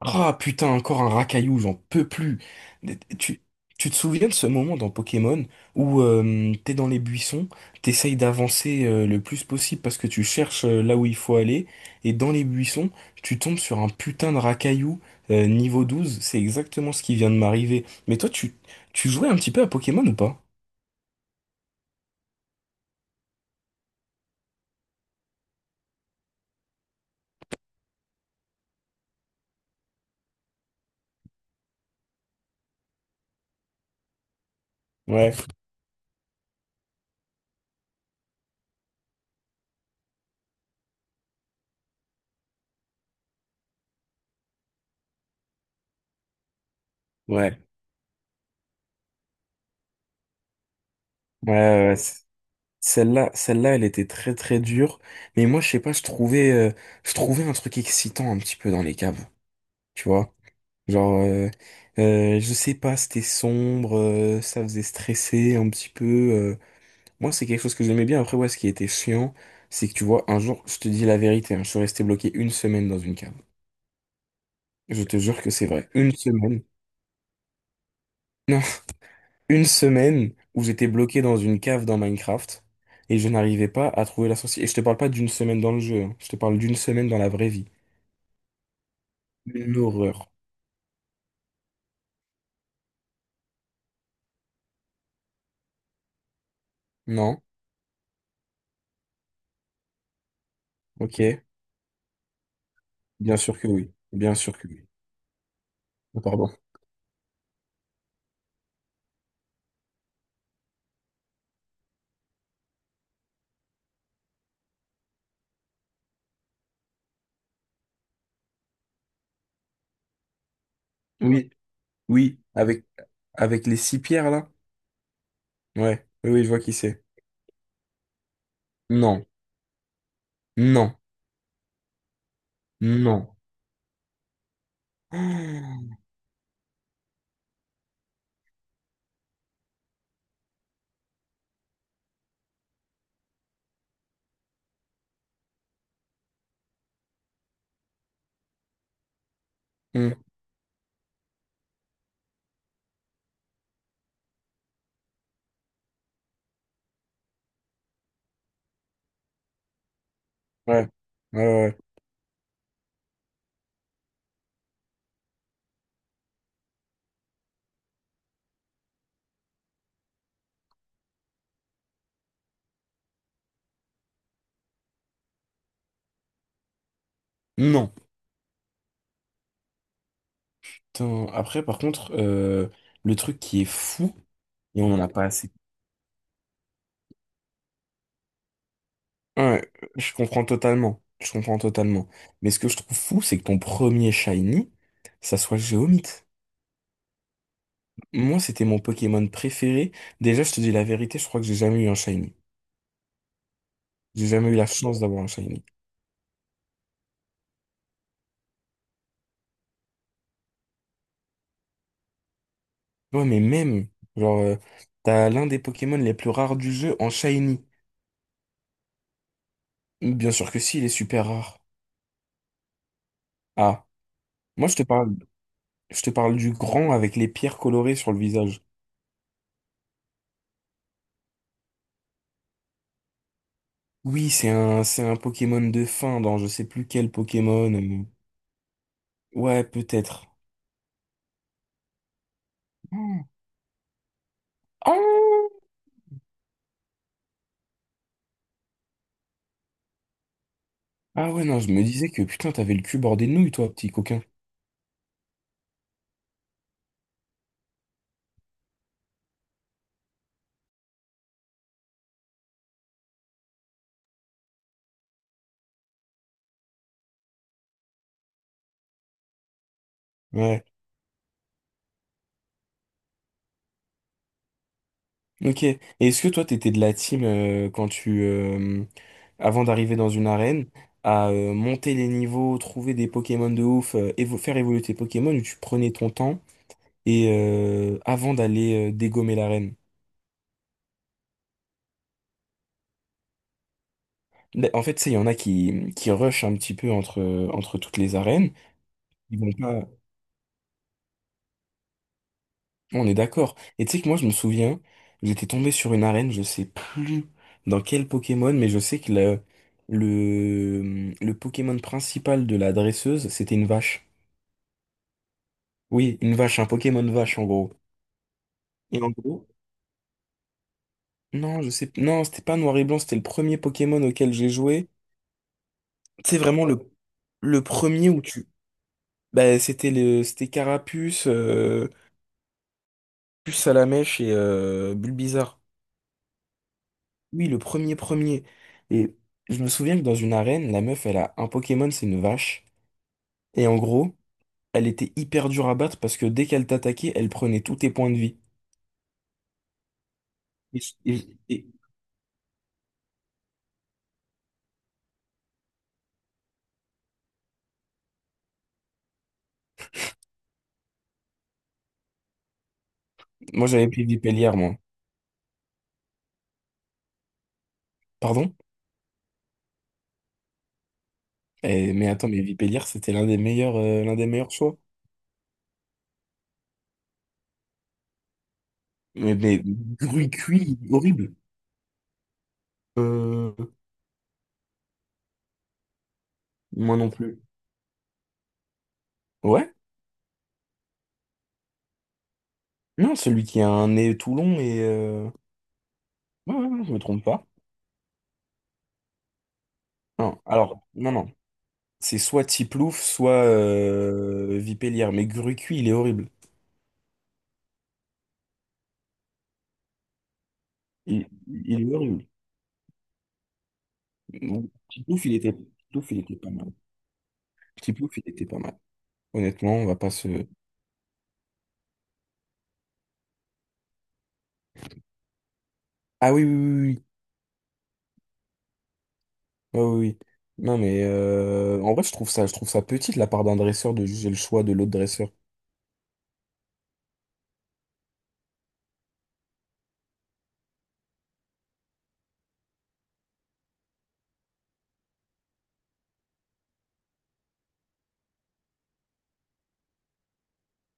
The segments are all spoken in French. Ah putain, encore un racaillou, j'en peux plus. Tu, tu te souviens de ce moment dans Pokémon où t'es dans les buissons, t'essayes d'avancer le plus possible parce que tu cherches là où il faut aller, et dans les buissons, tu tombes sur un putain de racaillou niveau 12, c'est exactement ce qui vient de m'arriver. Mais toi, tu jouais un petit peu à Pokémon ou pas? Ouais, ouais, ouais, ouais, ouais, celle-là, celle-là, elle était très très dure. Mais moi, je sais pas, je trouvais un truc excitant un petit peu dans les caves, tu vois? Genre, euh, je sais pas, c'était sombre, ça faisait stresser un petit peu. euh. Moi, c'est quelque chose que j'aimais bien. Après, ouais, ce qui était chiant, c'est que tu vois, un jour, je te dis la vérité, hein, je suis resté bloqué une semaine dans une cave. Je te jure que c'est vrai. Une semaine. Non, une semaine où j'étais bloqué dans une cave dans Minecraft et je n'arrivais pas à trouver la sortie. Et je te parle pas d'une semaine dans le jeu, hein, je te parle d'une semaine dans la vraie vie. Une horreur. Non? Ok. Bien sûr que oui. Bien sûr que oui. Oh, pardon. Oui, oui, avec, avec les six pierres là? Ouais, oui, oui, je vois qui c'est. Non, non, non. Hmm, ouais, ouais, ouais, ouais. Non. Putain, après, par contre, le truc qui est fou, et on en a pas assez. Ouais, je comprends totalement. Je comprends totalement. Mais ce que je trouve fou, c'est que ton premier shiny, ça soit Géomite. Moi, c'était mon Pokémon préféré. Déjà, je te dis la vérité, je crois que j'ai jamais eu un shiny. J'ai jamais eu la chance d'avoir un shiny. Ouais, mais même, genre, euh, t'as l'un des Pokémon les plus rares du jeu en Shiny. Bien sûr que si, il est super rare. Ah, moi je te parle du grand avec les pierres colorées sur le visage. Oui, c'est un Pokémon de fin dans je sais plus quel Pokémon. Ouais, peut-être. Ah, ah ouais, non, je me disais que putain, t'avais le cul bordé de nouilles, toi, petit coquin. Ouais. Ok. Et est-ce que toi, t'étais de la team avant d'arriver dans une arène, à monter les niveaux, trouver des Pokémon de ouf, faire évoluer tes Pokémon, où tu prenais ton temps et avant d'aller dégommer l'arène? Mais en fait, tu sais, il y en a qui rushent un petit peu entre, entre toutes les arènes. Ils vont pas. On est d'accord. Et tu sais que moi, je me souviens, j'étais tombé sur une arène, je sais plus dans quel Pokémon, mais je sais que le Pokémon principal de la dresseuse, c'était une vache. Oui, une vache, un Pokémon vache en gros. Et en gros, non, je sais, non, c'était pas noir et blanc, c'était le premier Pokémon auquel j'ai joué. C'est vraiment le premier où c'était c'était Carapuce, Puce à la mèche et Bulbizarre. Oui, le premier premier. Et je me souviens que dans une arène, la meuf, elle a un Pokémon, c'est une vache. Et en gros, elle était hyper dure à battre parce que dès qu'elle t'attaquait, elle prenait tous tes points de vie. Et, et- et- moi, j'avais pris Vipélière, moi. Pardon? Eh, mais attends, mais Vipélière, c'était l'un des meilleurs choix. Mais gru- cuit, horrible. Euh, moi non plus. Ouais? Non, celui qui a un nez tout long et... Ouais, ouais, ouais, je me trompe pas. Non, alors, non, non. C'est soit Tiplouf, soit Vipélière. Mais Grucui, il est horrible. Il, il est horrible. Bon, Tiplouf, il était pas mal. Tiplouf, il était pas mal. Honnêtement, on va pas se... Ah oui, oui, oui, oui. Ah oui, oui. Non, mais en vrai, je trouve ça petit de la part d'un dresseur de juger le choix de l'autre dresseur.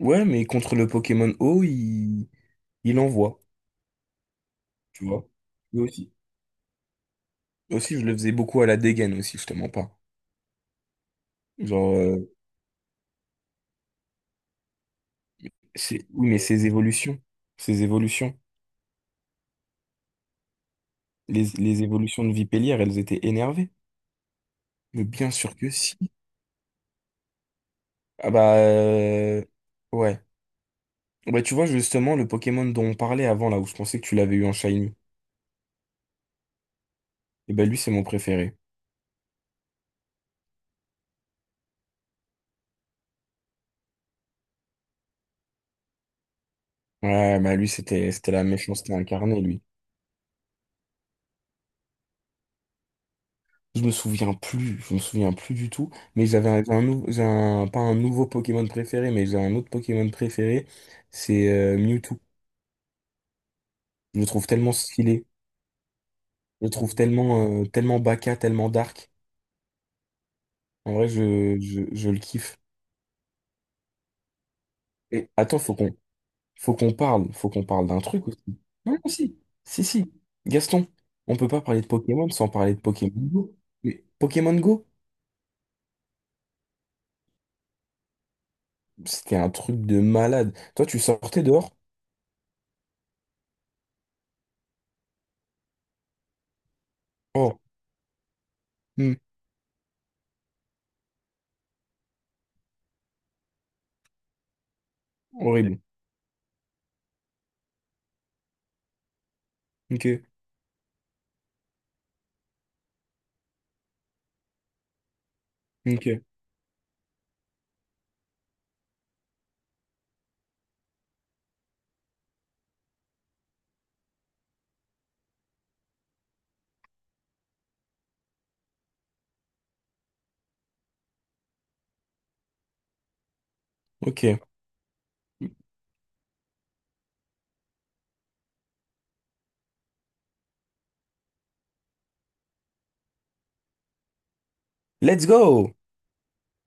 Ouais, mais contre le Pokémon O, il envoie, tu vois. Moi aussi. Moi aussi, je le faisais beaucoup à la dégaine aussi, je te mens pas. Genre, euh, c'est, oui, mais ses évolutions. Ses évolutions. Les évolutions de Vipellier, elles étaient énervées. Mais bien sûr que si. Ah bah euh, ouais. Bah tu vois justement le Pokémon dont on parlait avant là où je pensais que tu l'avais eu en Shiny. Et bah lui c'est mon préféré. Ouais bah lui c'était la méchanceté incarnée lui. Je me souviens plus du tout. Mais j'avais un nou- j'ai un- pas un nouveau Pokémon préféré, mais j'ai un autre Pokémon préféré, c'est Mewtwo. Je le trouve tellement stylé, je le trouve tellement tellement baka, tellement dark. En vrai je le kiffe. Et attends, faut qu'on parle d'un truc aussi. Non, non, si, si, si. Gaston, on peut pas parler de Pokémon sans parler de Pokémon Go. Mais Pokémon Go, c'était un truc de malade. Toi, tu sortais dehors? Oh, hmm, horrible. Ok, ok, ok. Let's go!